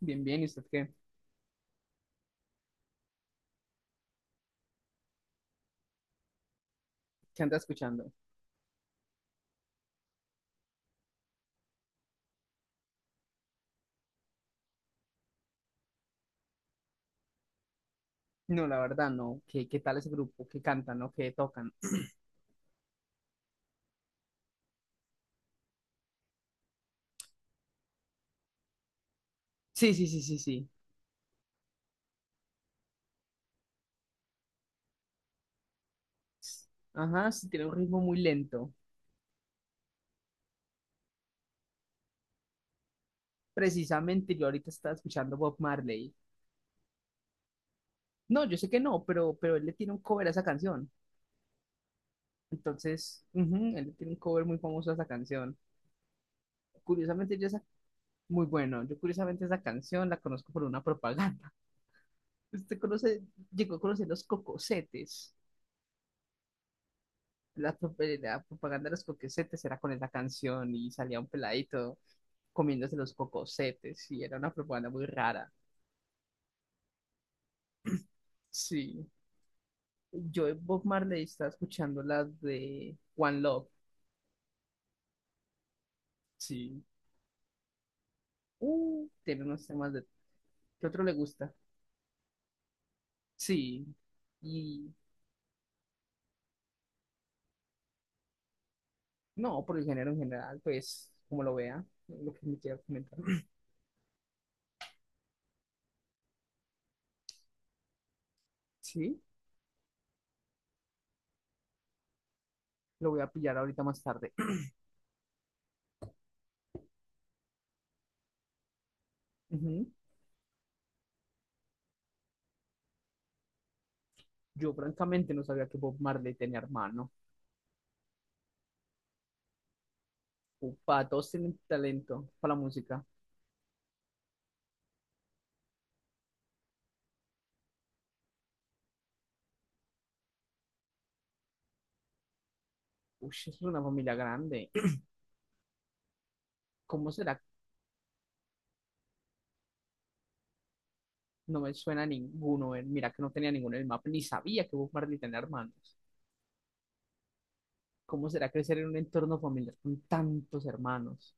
Bien, bien, ¿y usted qué anda escuchando? No, la verdad, no. ¿Qué tal ese grupo? ¿Qué cantan o qué tocan? Sí, sí, sí, sí, sí. Ajá, sí, tiene un ritmo muy lento. Precisamente yo ahorita estaba escuchando Bob Marley. No, yo sé que no, pero él le tiene un cover a esa canción. Entonces, ujú, él le tiene un cover muy famoso a esa canción. Curiosamente, yo esa, muy bueno. Yo curiosamente esa canción la conozco por una propaganda. ¿Usted conoce, ¿Llegó a conocer los cocosetes? La propaganda de los cocosetes era con esa canción y salía un peladito comiéndose los cocosetes y era una propaganda muy rara. Sí, yo de Bob Marley estaba escuchando las de One Love. Sí, tiene unos temas de... ¿Qué otro le gusta? Sí, y no, por el género en general, pues como lo vea, lo que me quiera comentar. Sí, lo voy a pillar ahorita más tarde. Ujú. Yo francamente no sabía que Bob Marley tenía hermano. Upa, todos tienen talento para la música. Uy, es una familia grande. ¿Cómo será? No me suena a ninguno. Mira que no tenía ninguno en el mapa, ni sabía que Bob Marley tenía hermanos. ¿Cómo será crecer en un entorno familiar con tantos hermanos?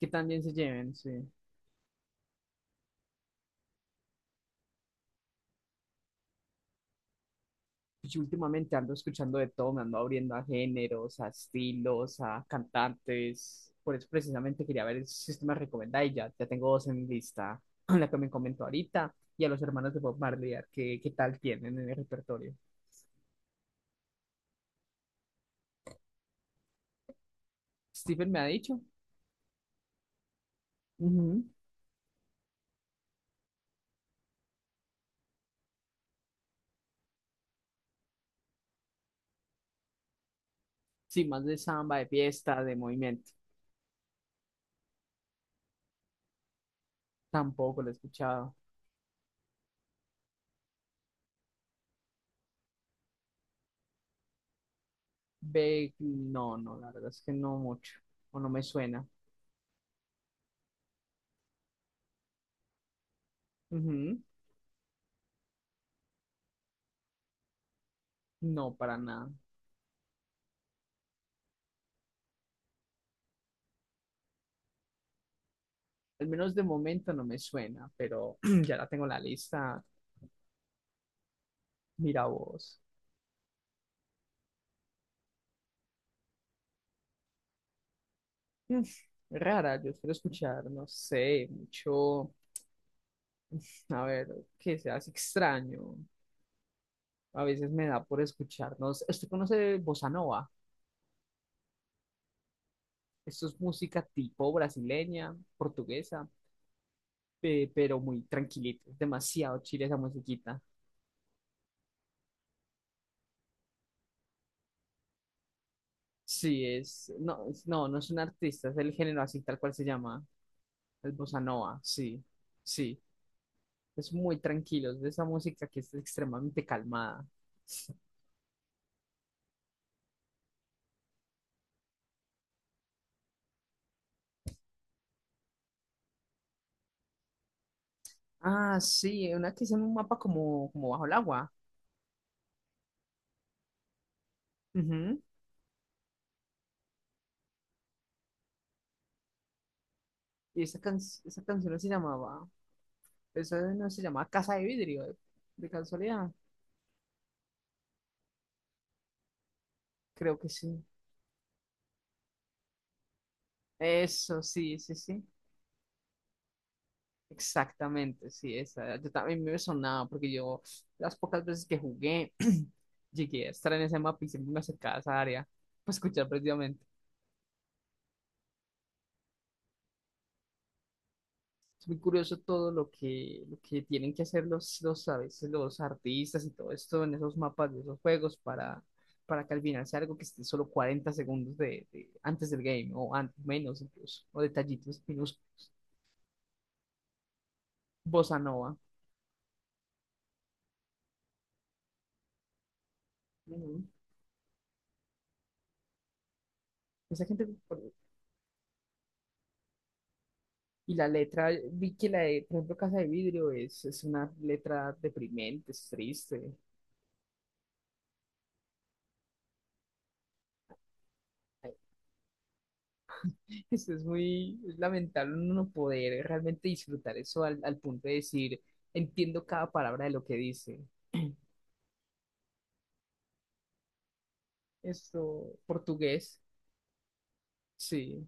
Que también se lleven, sí. Pues yo últimamente ando escuchando de todo, me ando abriendo a géneros, a estilos, a cantantes. Por eso precisamente quería ver si usted me recomienda y ya tengo dos en lista, la que me comentó ahorita, y a los hermanos de Bob Marley, a ver qué tal tienen en el repertorio. Stephen me ha dicho. Ujú. Sí, más de samba, de fiesta, de movimiento. Tampoco lo he escuchado. Beck, no, la verdad es que no mucho. O no me suena. Ujú. No, para nada. Al menos de momento no me suena, pero ya la tengo en la lista. Mira vos. Mm, Rara, yo suelo escuchar, no sé, mucho. A ver, que seas extraño. A veces me da por escucharnos. ¿Usted conoce Bossa Nova? Esto es música tipo brasileña, portuguesa. Pero muy tranquilito. Es demasiado chile esa musiquita. Sí, no es un artista, es el género así tal cual se llama, el bossa nova, sí, sí, es muy tranquilo, es de esa música que es extremadamente calmada. Ah, sí, una que es en un mapa como bajo el agua. Ujú. Y esa, can- Esa canción no se llamaba, esa no se llamaba Casa de Vidrio, de casualidad, creo que sí. Eso, sí, sí, sí. Exactamente, sí, esa. Yo también me sonaba porque yo las pocas veces que jugué llegué a estar en ese mapa y siempre me acercaba a esa área para escuchar precisamente. Es muy curioso todo lo que tienen que hacer a veces los artistas y todo esto en esos mapas de esos juegos para que al final sea algo que esté solo 40 segundos antes del game o menos incluso, o detallitos, menos bossa nova. Ujú. Esa gente. Y la letra, vi que la de, por ejemplo, Casa de Vidrio es una letra deprimente, es triste. Es lamentable uno no poder realmente disfrutar eso al punto de decir, entiendo cada palabra de lo que dice. Esto, portugués, sí.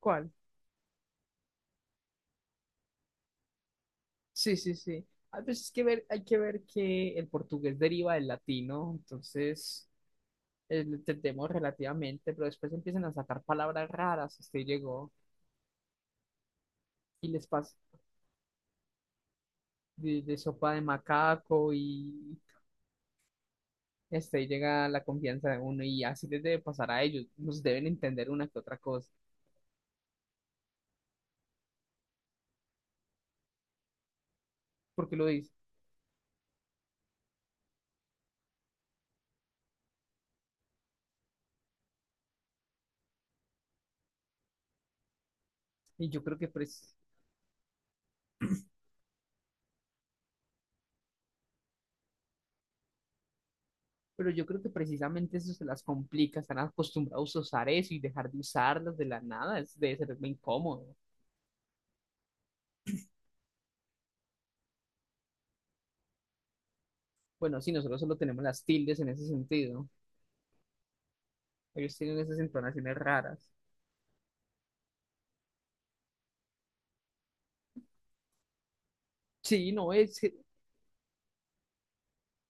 ¿Cuál? Sí, sí, sí. A veces que ver, hay que ver que el portugués deriva del latino, entonces lo entendemos relativamente, pero después empiezan a sacar palabras raras. Usted llegó y les pasa. De sopa de macaco y este, ahí llega la confianza de uno y así les debe pasar a ellos, nos deben entender una que otra cosa, porque lo dice, y yo creo que pres- pero yo creo que precisamente eso se las complica, están acostumbrados a usar eso y dejar de usarlas de la nada, es, debe ser muy incómodo. Bueno, sí, nosotros solo tenemos las tildes en ese sentido, ¿no? Ellos tienen esas entonaciones raras. Sí, no, es,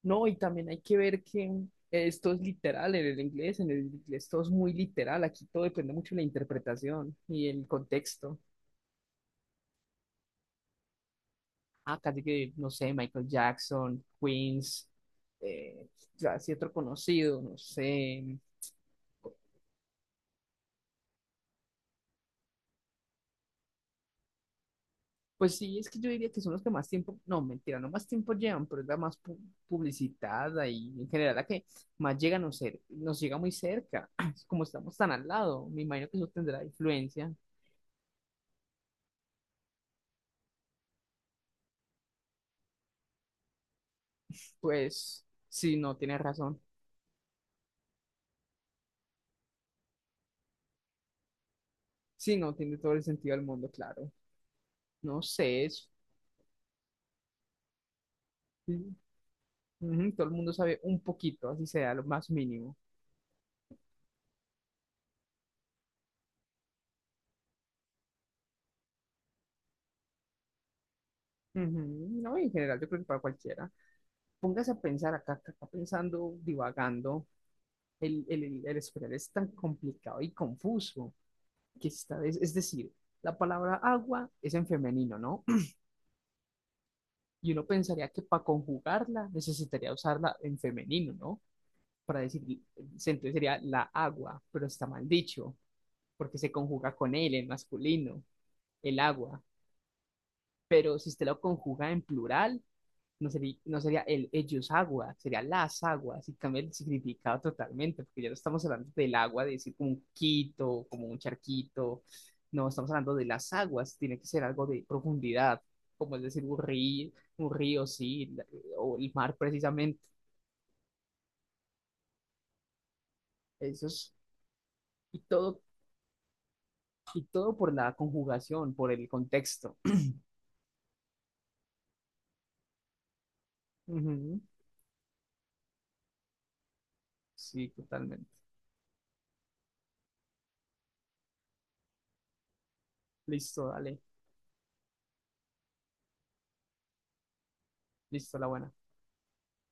No, y también hay que ver que esto es literal en el inglés todo es muy literal, aquí todo depende mucho de la interpretación y el contexto. Ah, casi que, no sé, Michael Jackson, Queens, eh, ya así otro conocido, no sé. Pues sí, es que yo diría que son los que más tiempo, no, mentira, no más tiempo llevan, pero es la más publicitada y en general la que más llega a nos llega muy cerca, como estamos tan al lado, me imagino que eso tendrá influencia, pues sí, no, tienes razón. Sí, no, tiene todo el sentido del mundo, claro. No sé, es- Sí, ujú, todo el mundo sabe un poquito, así sea, lo más mínimo. Ujú. No, en general, yo creo que para cualquiera. Póngase a pensar acá pensando, divagando. El español es tan complicado y confuso que esta vez, es decir, la palabra agua es en femenino, ¿no? Y uno pensaría que para conjugarla necesitaría usarla en femenino, ¿no? Para decir, entonces sería la agua, pero está mal dicho. Porque se conjuga con él en masculino, el agua. Pero si usted lo conjuga en plural, no sería el ellos agua, sería las aguas, y cambia el significado totalmente, porque ya no estamos hablando del agua, de decir como un quito, como un charquito, no, estamos hablando de las aguas, tiene que ser algo de profundidad, como es decir un río, sí, o el mar precisamente, eso es, y todo, y todo por la conjugación, por el contexto. Ujú. Sí, totalmente. Listo, dale. Listo, la buena.